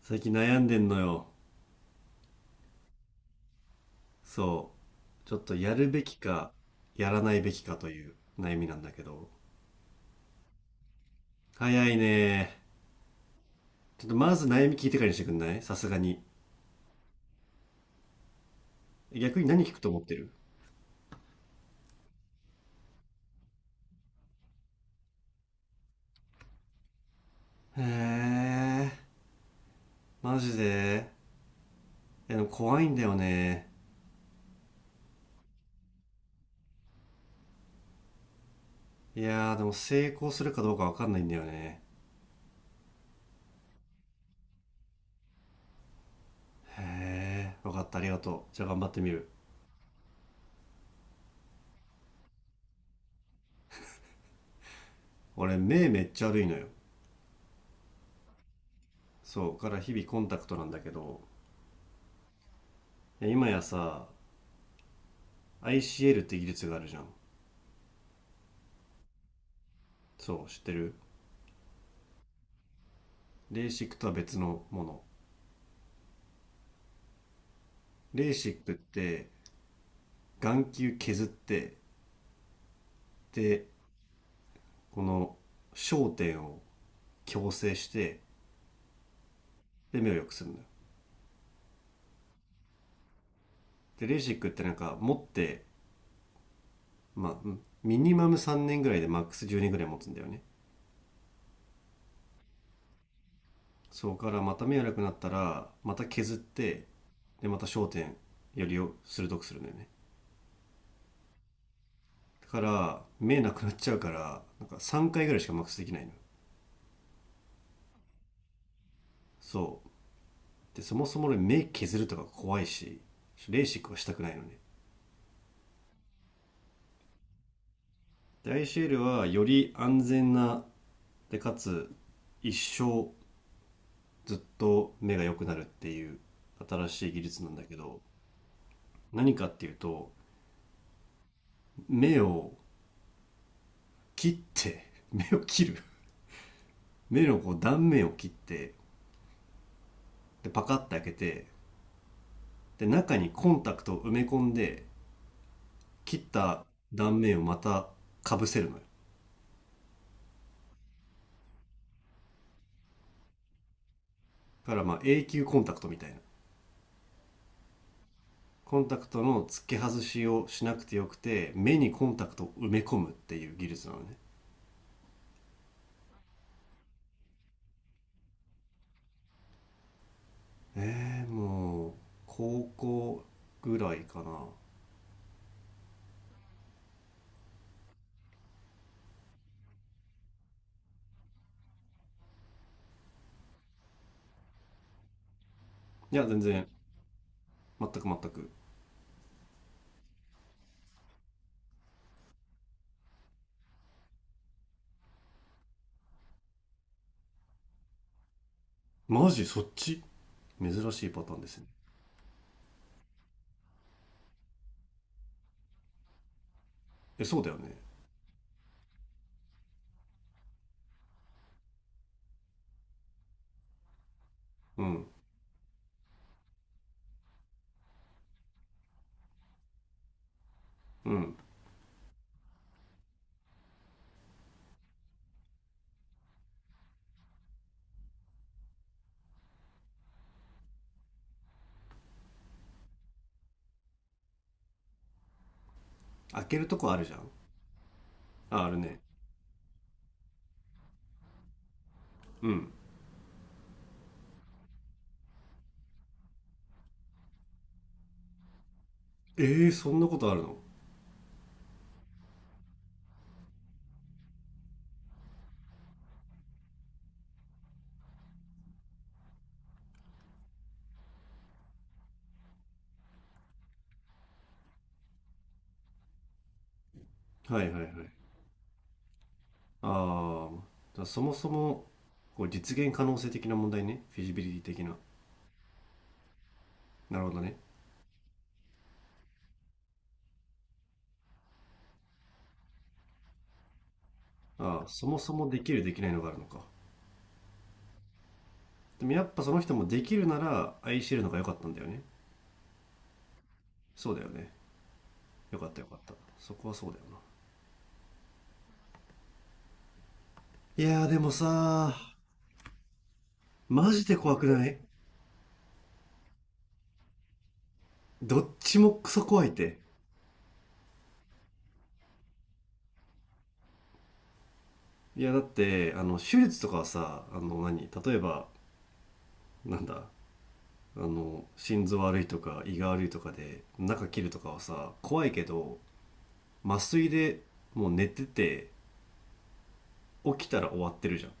最近悩んでんのよ。そう。ちょっとやるべきか、やらないべきかという悩みなんだけど。早いね。ちょっとまず悩み聞いてからにしてくんないさすがに。逆に何聞くと思ってる？へえ、マジで。いやでも怖いんだよね。いやーでも成功するかどうかわかんないんだよね。へえ、わかった、ありがとう。じゃあ頑張ってみる。俺目めっちゃ悪いのよ。そう、から日々コンタクトなんだけど、いや今やさ、ICL って技術があるじゃん。そう、知ってる。レーシックとは別のもの。レーシックって眼球削って、で、この焦点を矯正して、で、目を良くするのよ。で、レーシックってなんか持って、まあ、うんミニマム3年ぐらいでマックス10年ぐらい持つんだよね。そこからまた目悪くなったら、また削って、で、また焦点よりを鋭くするんだよね。だから、目なくなっちゃうから、なんか3回ぐらいしかマックスできないの。そでそもそも俺目削るとか怖いし、レーシックはしたくないのね。で ICL はより安全な、でかつ一生ずっと目が良くなるっていう新しい技術なんだけど、何かっていうと目を切って 目を切る、目のこう断面を切って、でパカッて開けて、で中にコンタクトを埋め込んで、切った断面をまたかぶせるのよ。だからまあ永久コンタクトみたいな、コンタクトの付け外しをしなくてよくて目にコンタクトを埋め込むっていう技術なのね。もう高校ぐらいかな。いや全然、全く。マジそっち珍しいパターンですね。えそうだよね。うんうん。開けるとこあるじゃん。ああるね。うん。えー、そんなことあるの？はいはいはい。あー、じゃあそもそもこう実現可能性的な問題ね、フィジビリティ的な。なるほどね。ああ、そもそもできるできないのがあるのか。でもやっぱその人もできるなら愛してるのが良かったんだよね。そうだよね。よかったよかった。そこはそうだよな。いやーでもさー、マジで怖くない？どっちもクソ怖いって。いやだって、あの、手術とかはさ、あの何、例えば、なんだ、あの、心臓悪いとか胃が悪いとかで中切るとかはさ、怖いけど、麻酔でもう寝てて起きたら終わってるじゃん。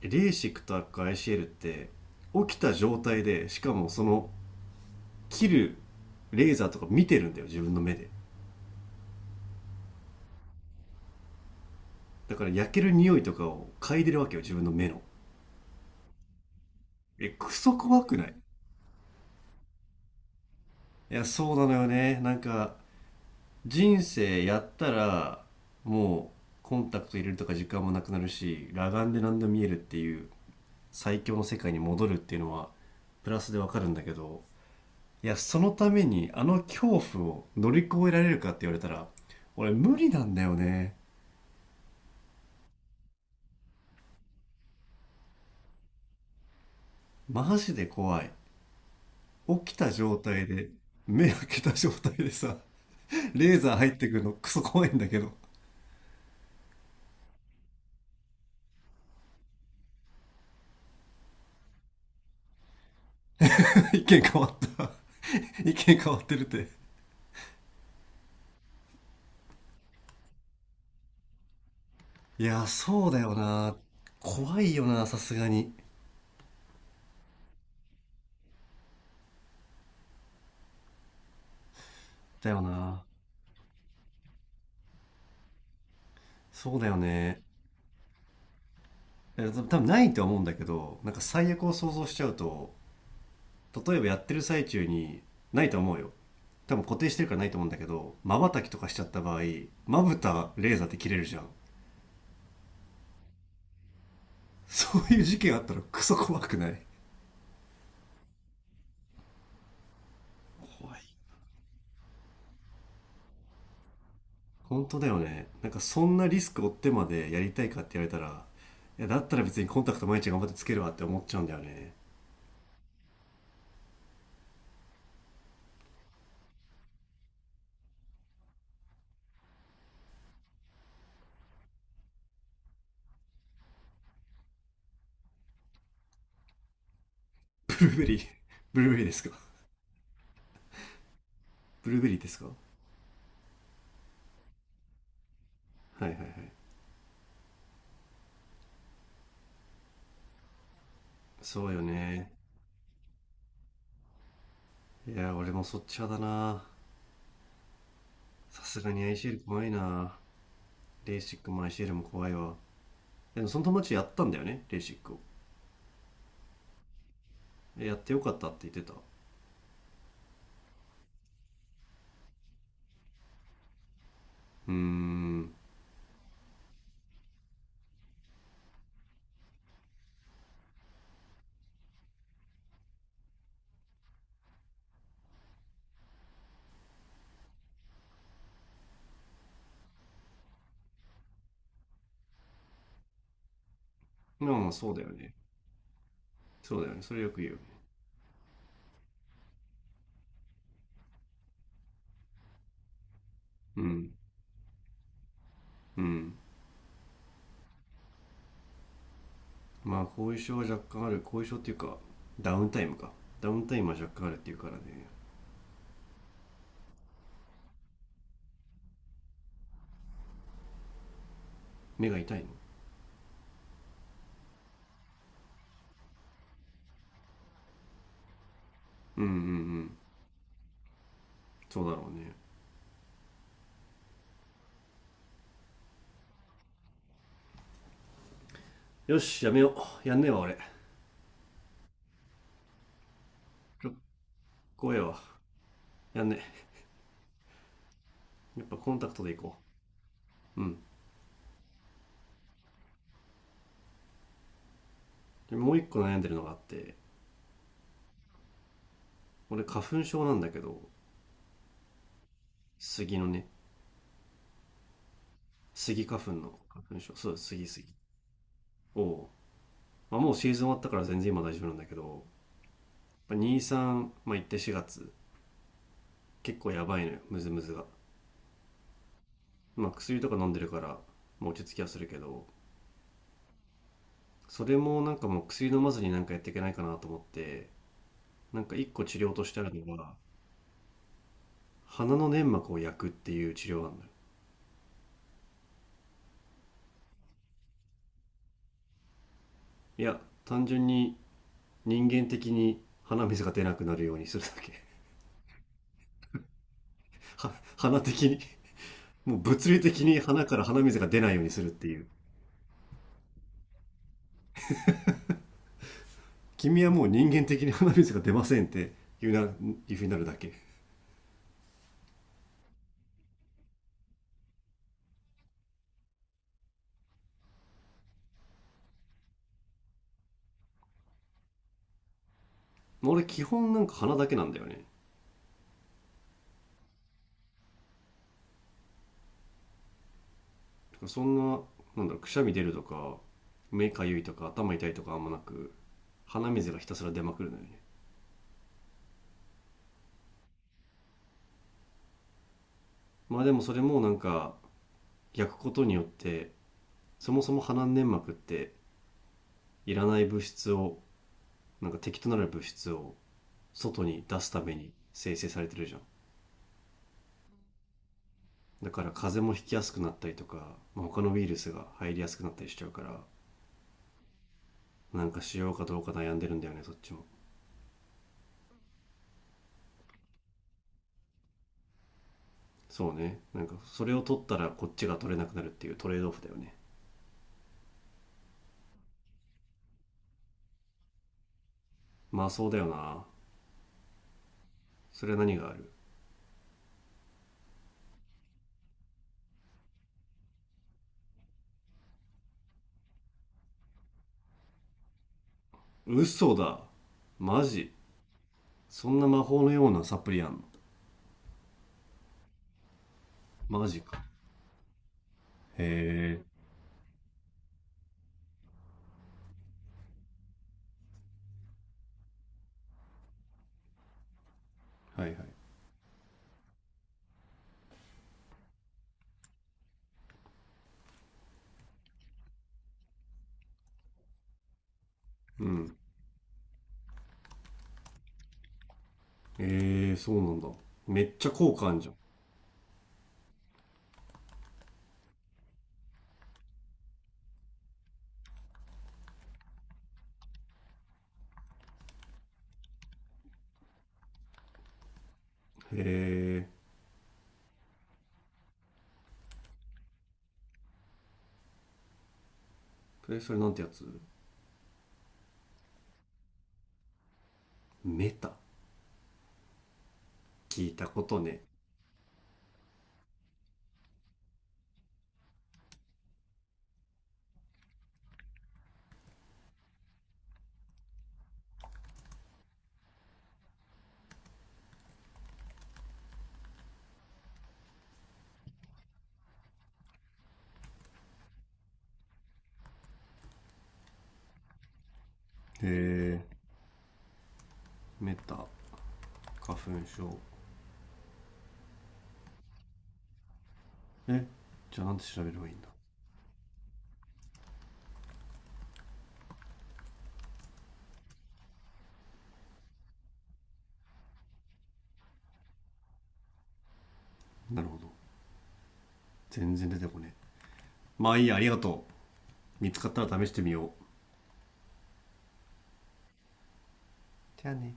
レーシックとか ICL って起きた状態でしかもその切るレーザーとか見てるんだよ自分の目で。だから焼ける匂いとかを嗅いでるわけよ自分の目の。えクソ怖くない？いやそうなのよね。なんか人生やったらもうコンタクト入れるとか時間もなくなるし、裸眼で何でも見えるっていう最強の世界に戻るっていうのはプラスでわかるんだけど、いや、そのためにあの恐怖を乗り越えられるかって言われたら、俺無理なんだよね。マジで怖い。起きた状態で、目開けた状態でさ、レーザー入ってくるのクソ怖いんだけど。意見変わった。意見変わってるって。いや、そうだよな。怖いよな、さすがに。だよな。そうだよね。え多分ないとは思うんだけど、なんか最悪を想像しちゃうと、例えばやってる最中に、ないと思うよ、多分固定してるからないと思うんだけど、まばたきとかしちゃった場合まぶたレーザーって切れるじゃん。そういう事件あったら クソ怖くない？怖い。本当だよね。なんかそんなリスク負ってまでやりたいかって言われたら、いやだったら別にコンタクト毎日頑張ってつけるわって思っちゃうんだよね。ブルーベリー ブルーベリーですか？ブルーベリーですかはいはいはい。そうよね。いや俺もそっち派だな。さすがにアイシェル怖いな。レーシックもアイシェルも怖いわ。その友達やったんだよねレーシックを。でやってよかったって言ってた。うーん。まあそうだよね。そうだよねそれよく言う。うんうん。まあ後遺症は若干ある、後遺症っていうかダウンタイムか、ダウンタイムは若干あるっていうからね。目が痛いの？うんうんうん。そうだろうね。よしやめよ。うやんねえわ俺。ちょっと怖えわ。やんねえ。やっぱコンタクトでいこ。うう、ん。でもう一個悩んでるのがあって、俺花粉症なんだけど、杉のね、杉花粉の花粉症。そう杉を、まあ、もうシーズン終わったから全然今大丈夫なんだけど、2、3、さんまあ、行って4月結構やばいのよムズムズが、まあ、薬とか飲んでるから、まあ、落ち着きはするけど、それもなんかもう薬飲まずになんかやっていけないかなと思って、なんか1個治療としてあるのが鼻の粘膜を焼くっていう治療なんだよ。いや単純に、人間的に鼻水が出なくなるようにするだけ。は 鼻的に、もう物理的に鼻から鼻水が出ないようにするっていう、君はもう人間的に鼻水が出ませんって言うな、いうふうになるだけ。俺基本なんか鼻だけなんだよね。そんな、なんだろう、くしゃみ出るとか目かゆいとか頭痛いとかあんまなく、鼻水がひたすら出まくるのよね。まあでもそれもなんか焼くことによって、そもそも鼻粘膜っていらない物質を、なんか敵となる物質を外に出すために生成されてるじゃん。だから風邪もひきやすくなったりとか、まあ、他のウイルスが入りやすくなったりしちゃうから、なんかしようかどうか悩んでるんだよねそっちも。そうね、なんかそれを取ったらこっちが取れなくなるっていうトレードオフだよね。まあそうだよな。それは何がある？嘘だ。マジ？そんな魔法のようなサプリあんの？マジか。へえ。はいはい。うん。えー、そうなんだ。めっちゃ効果あんじゃん。へえ。それなんてやつ？メタ。聞いたことね。へえ。メタ花粉症？え、じゃあなんて調べればいいんだ。なるほど。全然出てこね。まあいいやありがとう。見つかったら試してみよう。じゃあね。